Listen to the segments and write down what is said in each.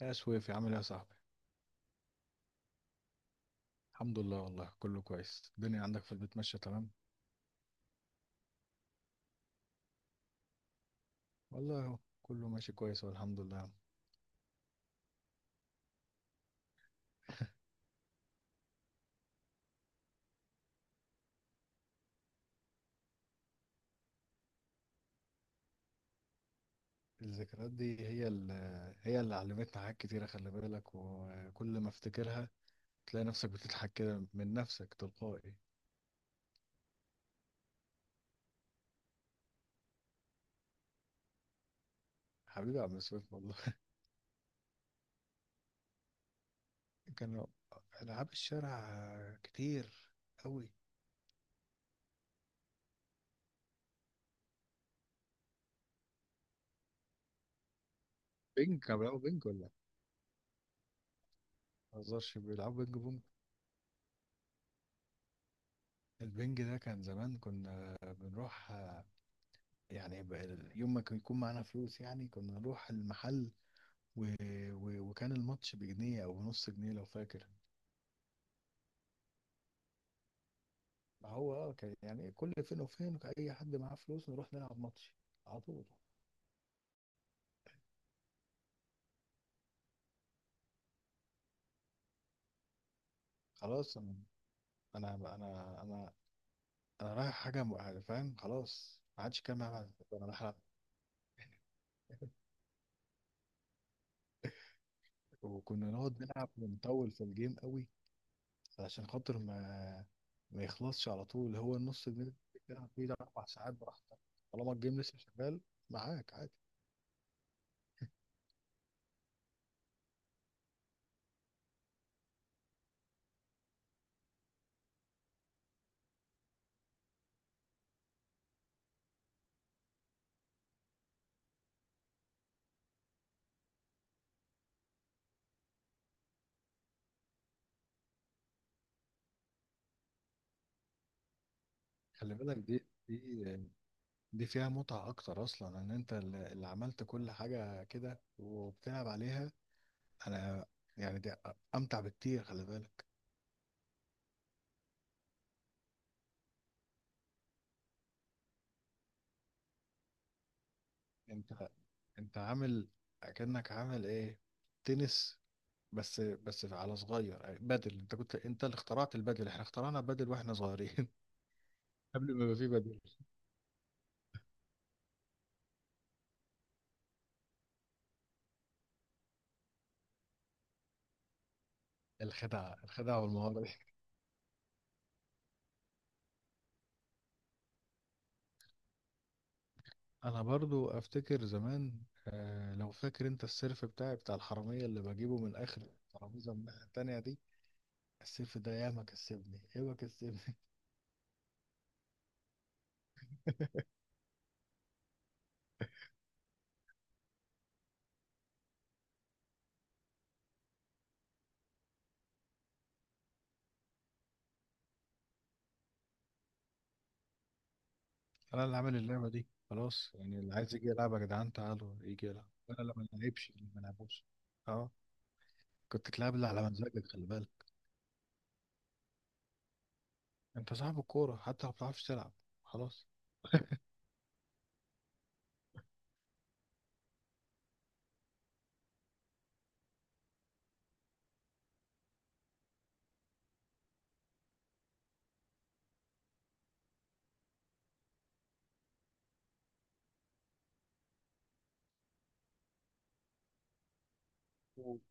يا شويف عامل ايه يا صاحبي؟ الحمد لله، والله كله كويس. الدنيا عندك في البيت ماشية تمام. والله اهو كله ماشي كويس والحمد لله. الذكريات دي هي اللي علمتنا حاجات كتيرة، خلي بالك. وكل ما افتكرها تلاقي نفسك بتضحك كده من نفسك تلقائي. حبيبي يا عم سويف والله. كانوا ألعاب الشارع كتير أوي. بينج؟ كانوا بيلعبوا بينج ولا؟ ما بهزرش، بيلعبوا بينج بونج؟ البينج ده كان زمان كنا بنروح، يعني يوم ما كان يكون معانا فلوس يعني كنا نروح المحل، و... وكان الماتش بجنيه او نص جنيه لو فاكر. هو اه كان يعني كل فين وفين كان اي حد معاه فلوس نروح نلعب ماتش على طول. خلاص انا انا انا, أنا رايح حاجه يعني فاهم خلاص، ما عادش كان معايا بعد. انا رايح ألعب. وكنا نقعد نلعب ونطول في الجيم قوي، علشان خاطر ما يخلصش على طول. هو النص جنيه اللي بتلعب فيه ده اربع ساعات براحتك طالما الجيم لسه شغال، معاك عادي. خلي بالك، دي دي فيها متعة أكتر أصلا، إن أنت اللي عملت كل حاجة كده وبتلعب عليها. أنا يعني دي أمتع بكتير، خلي بالك. أنت أنت عامل، أكنك عامل إيه، تنس؟ بس بس على صغير، بدل. أنت كنت أنت اللي اخترعت البدل، إحنا اخترعنا بدل وإحنا صغيرين. قبل ما يبقى في بدل. الخدعة، الخدعة والمهارة. انا برضو افتكر زمان، آه لو فاكر، انت السيرف بتاعي بتاع الحرامية اللي بجيبه من اخر الترابيزة من الناحية التانية دي، السيرف ده ياما كسبني، ياما كسبني. انا اللي عامل اللعبة دي خلاص، يعني اللي عايز يجي يلعب يا جدعان تعالوا يجي يلعب، انا اللي ما لعبش اللي ما لعبوش. اه، كنت تلعب اللي على مزاجك، خلي بالك. انت صاحب الكورة حتى لو ما بتعرفش تلعب. خلاص.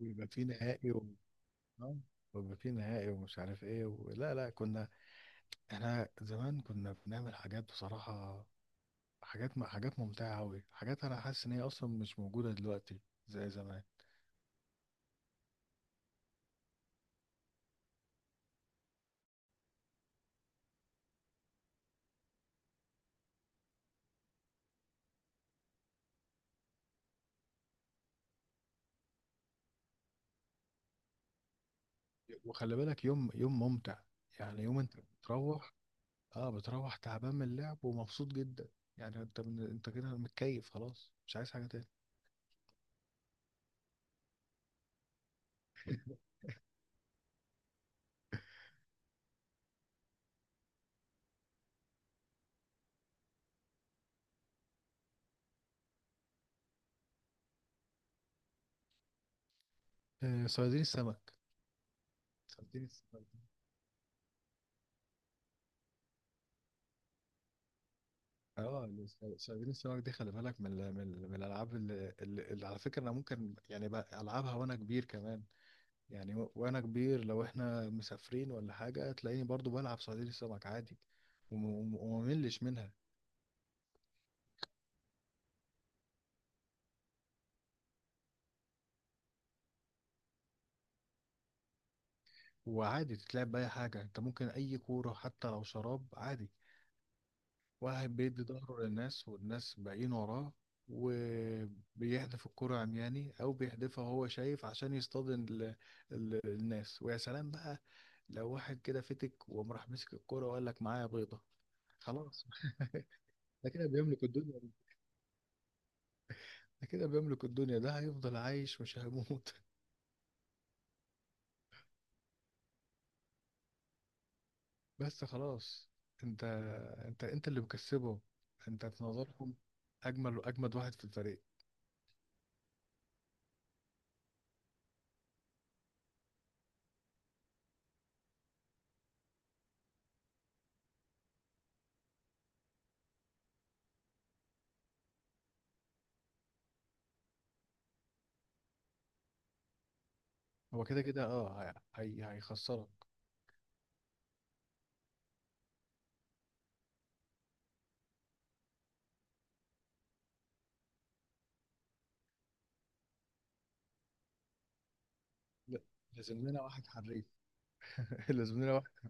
ويبقى في نهائي آه، ويبقى في نهائي ومش عارف ايه لا لا، كنا، احنا زمان كنا بنعمل حاجات بصراحة، حاجات حاجات ممتعة أوي. حاجات أنا حاسس إن هي أصلا مش موجودة دلوقتي زي زمان. وخلي بالك، يوم ممتع، يعني يوم أنت بتروح، أه بتروح تعبان من اللعب ومبسوط جدا. يعني أنت من أنت كده متكيف خلاص، مش عايز حاجة تاني. آه، صيادين السمك. صيادين السمك. اه صيادين السمك دي، خلي بالك، من ال- من ال- من الالعاب اللي على فكره انا ممكن يعني بقى العبها وانا كبير كمان، يعني وانا كبير لو احنا مسافرين ولا حاجه تلاقيني برضو بلعب صيادين السمك عادي. ومملش منها. وعادي تتلعب باي حاجه انت، ممكن اي كوره حتى لو شراب عادي. واحد بيدي ظهره للناس والناس باقيين وراه، وبيحدف الكرة عمياني أو بيحدفها وهو شايف عشان يصطادن الناس. ويا سلام بقى لو واحد كده فتك وقام راح مسك الكرة وقال لك معايا بيضة. خلاص. ده كده بيملك الدنيا، ده كده بيملك الدنيا، ده هيفضل عايش مش هيموت. بس خلاص. انت انت اللي مكسبه، انت في نظرهم اجمل واجمد واحد في الفريق. هو كده كده اه هيخسرك. لا، لازم لنا واحد حريف. لازم لنا واحد.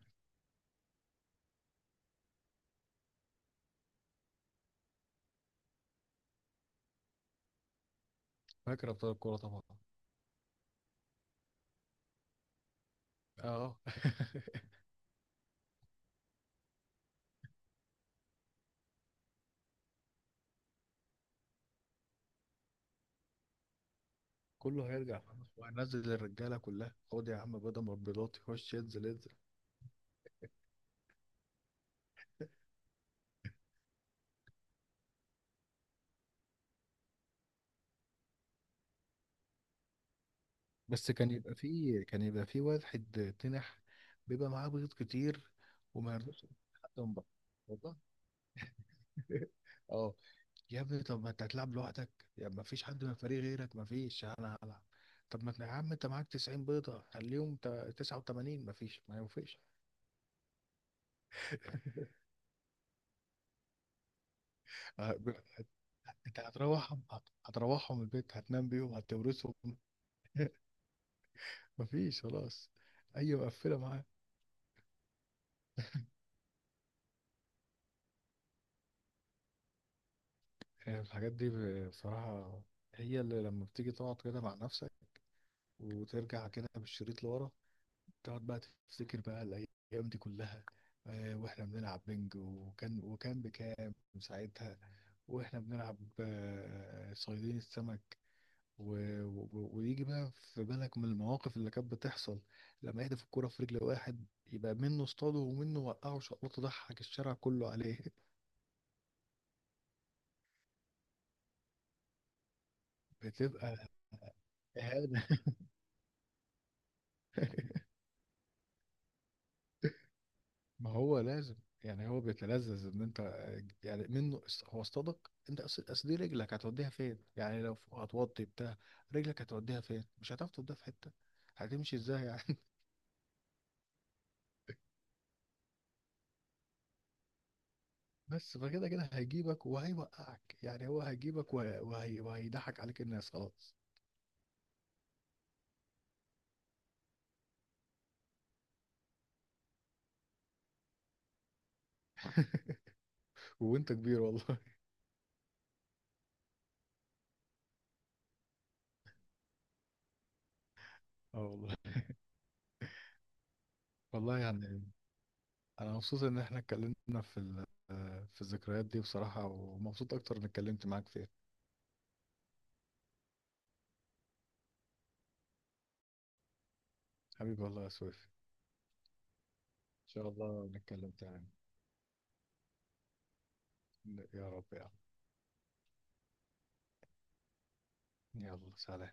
فاكر ابطال الكوره؟ طبعا. اه. كله هيرجع خلاص وهنزل الرجاله كلها، خد يا عم بدل مربيضات يخش ينزل ينزل. بس كان يبقى فيه واحد تنح، بيبقى معاه بيض كتير وما يرضاش حتى من بره. والله. اه، يا ابني طب ما انت هتلعب لوحدك، يا ما فيش حد من الفريق غيرك، ما فيش، انا هلعب. طب ما انت يا عم انت معاك 90 بيضة، خليهم 89، ما فيش، ما ينفعش. آه. انت هتروحهم، هتروحهم البيت، هتنام بيهم، هتورثهم. ما فيش خلاص، اي مقفلة معاه. آه، الحاجات دي بصراحة هي اللي لما بتيجي تقعد كده مع نفسك، وترجع كده بالشريط لورا، تقعد بقى تفتكر بقى الأيام دي كلها. آه، وإحنا بنلعب بنج، وكان بكام ساعتها. وإحنا بنلعب آه، صيادين السمك و... ويجي بقى في بالك من المواقف اللي كانت بتحصل، لما يهدف الكرة في رجل واحد، يبقى منه اصطاده ومنه وقعه شقلطه، ضحك الشارع كله عليه. بتبقى إهانة. ما هو لازم، يعني هو بيتلذذ ان انت، يعني منه هو اصطادك، انت اصل دي رجلك هتوديها فين يعني؟ لو هتوطي بتاع، رجلك هتوديها فين؟ مش هتعرف توديها في حتة، هتمشي ازاي يعني؟ بس فكده كده هيجيبك وهيوقعك، يعني هو هيجيبك وهيضحك عليك الناس. خلاص. وانت كبير والله. اه والله. والله يعني انا مبسوط ان احنا اتكلمنا في في الذكريات دي بصراحة، ومبسوط اكتر ان اتكلمت معاك فيها. حبيبي والله يا سويف. ان شاء الله نتكلم تاني. يا رب يا عم. يلا سلام.